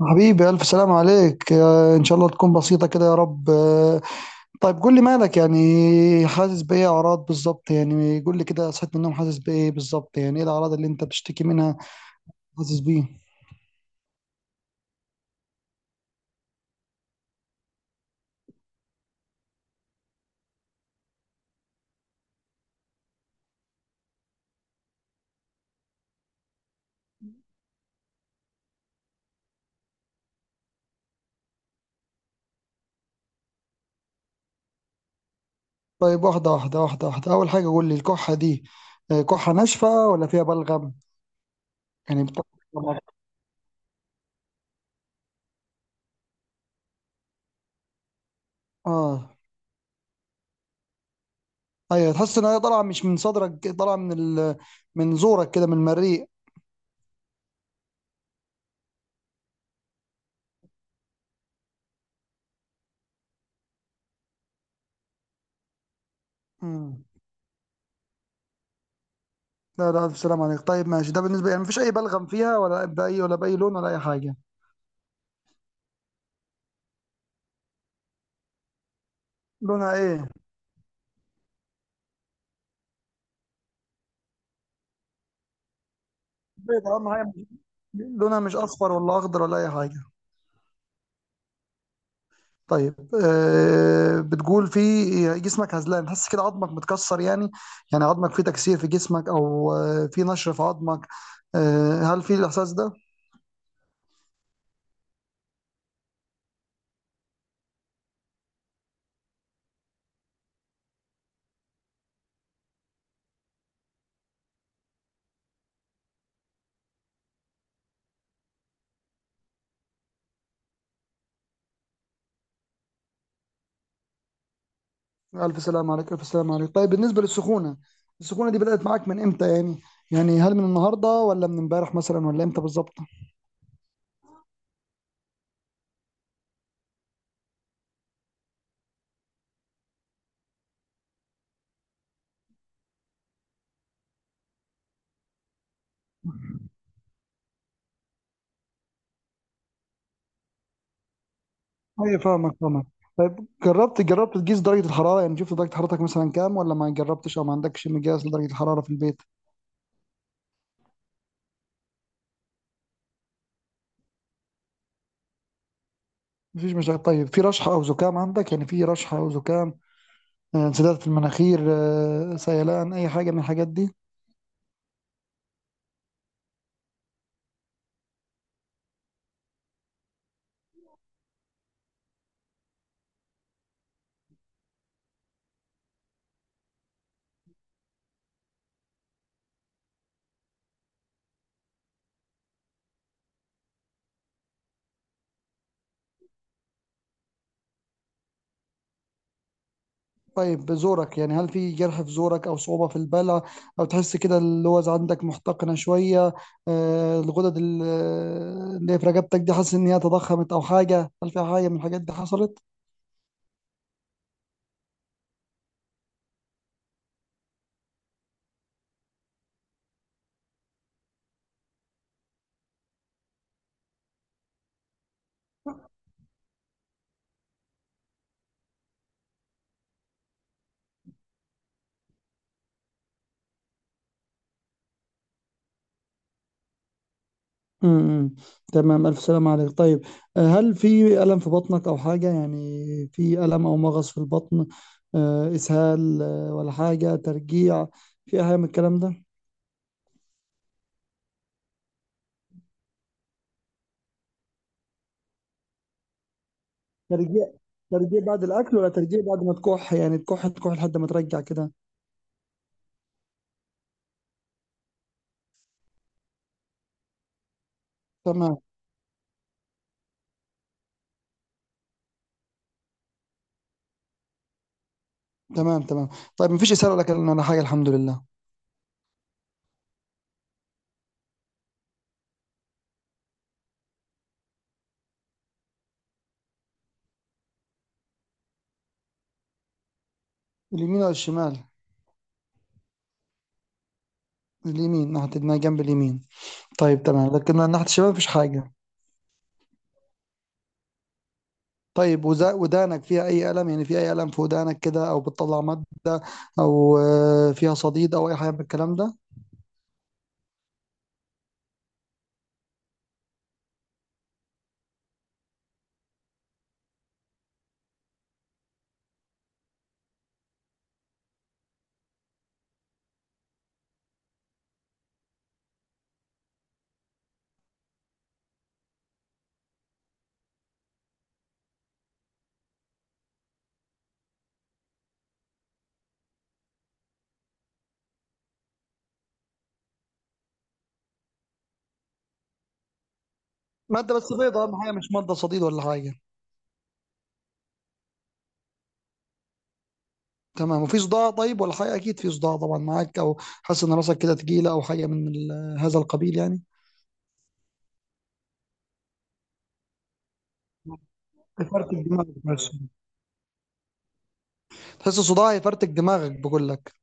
حبيبي ألف سلام عليك إن شاء الله تكون بسيطة كده يا رب. طيب قول لي مالك يعني، حاسس بإيه؟ أعراض بالظبط، يعني قول لي كده صحيت من النوم حاسس بإيه بالظبط، يعني إيه الأعراض اللي أنت بتشتكي منها؟ حاسس بإيه؟ طيب، واحدة واحدة واحدة واحدة، أول حاجة قول لي الكحة دي، كحة ناشفة ولا فيها بلغم؟ يعني بتطلع؟ آه. أيوة، تحس إن هي طالعة مش من صدرك، طالعة من زورك كده، من المريء. مم. لا لا، ألف سلام عليك. طيب ماشي، ده بالنسبة يعني مفيش أي بلغم فيها، ولا بأي ولا بأي لون ولا أي حاجة؟ لونها ايه؟ بيضة، اهم حاجه لونها مش اصفر ولا اخضر ولا اي حاجه. طيب. آه، بتقول في جسمك هزلان، تحس كده عظمك متكسر يعني؟ يعني عظمك فيه تكسير في جسمك، او آه في نشر في عظمك، آه، هل في الاحساس ده؟ الف سلام عليك، الف سلام عليك. طيب بالنسبه للسخونه، السخونه دي بدات معاك من امتى يعني؟ يعني هل من النهارده ولا من امبارح مثلا ولا امتى بالظبط؟ ايوه، فاهمك فاهمك. طيب جربت جربت تقيس درجة الحرارة؟ يعني شفت درجة حرارتك مثلا كام، ولا ما جربتش او ما عندكش مقياس لدرجة الحرارة في البيت؟ مفيش مشاكل. طيب في رشحة او زكام عندك؟ يعني في رشحة او زكام، انسداد في المناخير، سيلان، اي حاجة من الحاجات دي؟ طيب زورك، يعني هل في جرح في زورك او صعوبة في البلع؟ او تحس كده اللوز عندك محتقنة شوية؟ الغدد اللي في رقبتك دي، حاسس ان هي تضخمت او حاجة؟ هل في حاجة من الحاجات دي حصلت؟ امم، أمم. تمام، ألف سلام عليك. طيب، هل في ألم في بطنك أو حاجة؟ يعني في ألم أو مغص في البطن، إسهال، ولا حاجة ترجيع، في أي حاجة من الكلام ده؟ ترجيع، ترجيع بعد الأكل ولا ترجيع بعد ما تكح؟ يعني تكح تكح لحد ما ترجع كده؟ تمام، تمام تمام. طيب مفيش إسهال ولا كلام ولا حاجة الحمد لله؟ اليمين ولا الشمال؟ اليمين ناحية دماغ، جنب اليمين. طيب تمام، لكن ناحية الشمال مفيش حاجة. طيب، ودانك فيها أي ألم؟ يعني في أي ألم في ودانك كده، أو بتطلع مادة، أو فيها صديد أو أي حاجة من الكلام ده؟ مادة بس بيضة أهم حاجة، مش مادة صديد ولا حاجة. تمام. وفي صداع طيب ولا حاجة؟ أكيد في صداع طبعا معاك، أو حاسس إن راسك كده تقيلة أو حاجة هذا القبيل يعني. يفرتك دماغك بس؟ تحس صداع يفرتك دماغك بقول لك.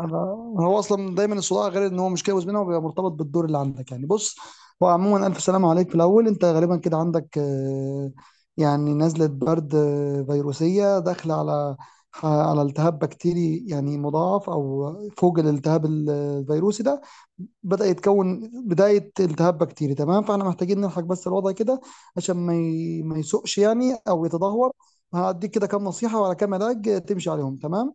هو اصلا دايما الصداع، غير ان هو مش جاوز منها وبيبقى مرتبط بالدور اللي عندك يعني. بص، هو عموما الف سلامه عليك. في الاول انت غالبا كده عندك يعني نزله برد فيروسيه، داخله على على التهاب بكتيري، يعني مضاعف، او فوق الالتهاب الفيروسي ده بدأ يتكون بداية التهاب بكتيري. تمام، فاحنا محتاجين نلحق بس الوضع كده عشان ما يسوقش يعني، او يتدهور. هديك كده كام نصيحة وعلى كام علاج تمشي عليهم، تمام.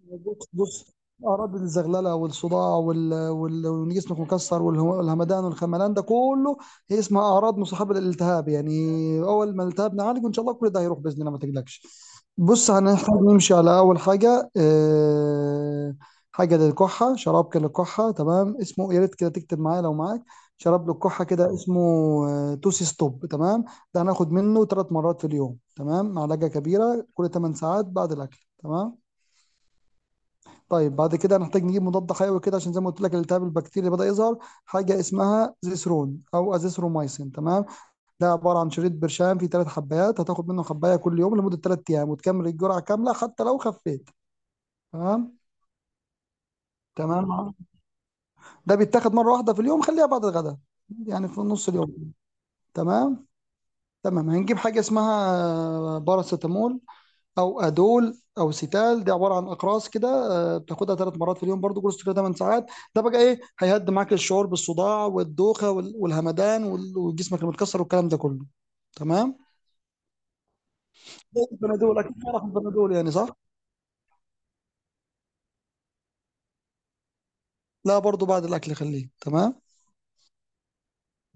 بص بص، اراضي الزغلله والصداع وان جسمك مكسر والهمدان والخملان ده كله، هي اسمها اعراض مصاحبه للالتهاب يعني. اول ما الالتهاب نعالجه ان شاء الله كل ده هيروح باذن الله، ما تقلقش. بص، هنحتاج نمشي على اول حاجه، حاجه للكحه، شراب كده للكحه، تمام، اسمه، يا ريت كده تكتب معايا لو معاك. شراب للكحه كده اسمه توسي ستوب. تمام، ده هناخد منه 3 مرات في اليوم، تمام، معلقه كبيره كل 8 ساعات بعد الاكل. تمام. طيب بعد كده هنحتاج نجيب مضاد حيوي كده، عشان زي ما قلت لك الالتهاب البكتيري بدأ يظهر. حاجة اسمها زيسرون أو أزيثروميسين، تمام. ده عبارة عن شريط برشام فيه 3 حبايات، هتاخد منه حباية كل يوم لمدة 3 أيام وتكمل الجرعة كاملة حتى لو خفيت. تمام، تمام. ده بيتاخد مرة واحدة في اليوم، خليها بعد الغداء، يعني في نص اليوم. تمام. تمام، هنجيب حاجة اسمها باراسيتامول او ادول او سيتال، دي عباره عن اقراص كده، بتاخدها 3 مرات في اليوم برضو، كورس كده 8 ساعات. ده بقى ايه، هيهدي معاك الشعور بالصداع والدوخه والهمدان وجسمك المتكسر والكلام ده كله. تمام، زي البنادول، اكيد تعرف البنادول يعني صح؟ لا، برضو بعد الاكل خليه. تمام.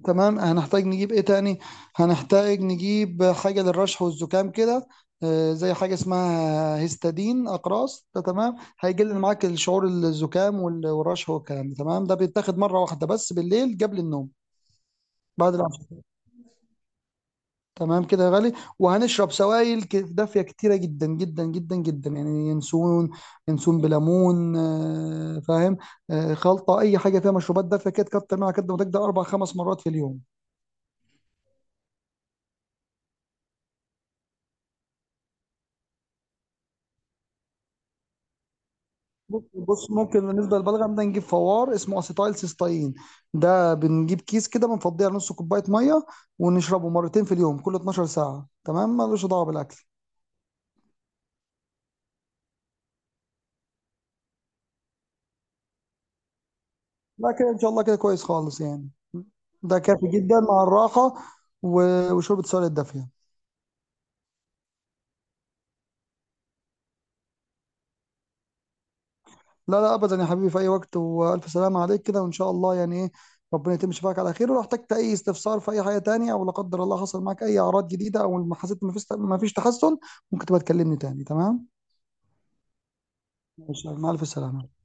تمام، هنحتاج نجيب ايه تاني، هنحتاج نجيب حاجة للرشح والزكام كده، زي حاجة اسمها هيستادين أقراص ده. تمام، هيقلل معاك الشعور الزكام والرشح والكلام ده. تمام، ده بيتاخد مرة واحدة بس بالليل قبل النوم، بعد العشاء. تمام كده يا غالي. وهنشرب سوائل دافية كتيرة جدا جدا جدا جدا، يعني ينسون، ينسون بليمون، فاهم؟ خلطة، أي حاجة فيها مشروبات دافية كده تكتر منها قد ما تقدر، أربع خمس مرات في اليوم. بص بص، ممكن بالنسبه للبلغم ده نجيب فوار اسمه اسيتايل سيستاين. ده بنجيب كيس كده بنفضيه على نص كوبايه ميه، ونشربه مرتين في اليوم كل 12 ساعه، تمام، ملوش دعوه بالاكل. لا كده ان شاء الله كده كويس خالص يعني، ده كافي جدا مع الراحه وشرب السوائل الدافيه. لا لا ابدا يا حبيبي، في اي وقت، والف سلامه عليك كده، وان شاء الله يعني ايه، ربنا يتم شفاك على خير. ولو احتجت اي استفسار في اي حاجه تانية، او لا قدر الله حصل معاك اي اعراض جديده او ما حسيت، ما فيش ما فيش تحسن، ممكن تبقى تكلمني تاني، تمام؟ ماشي، مع الف سلامه.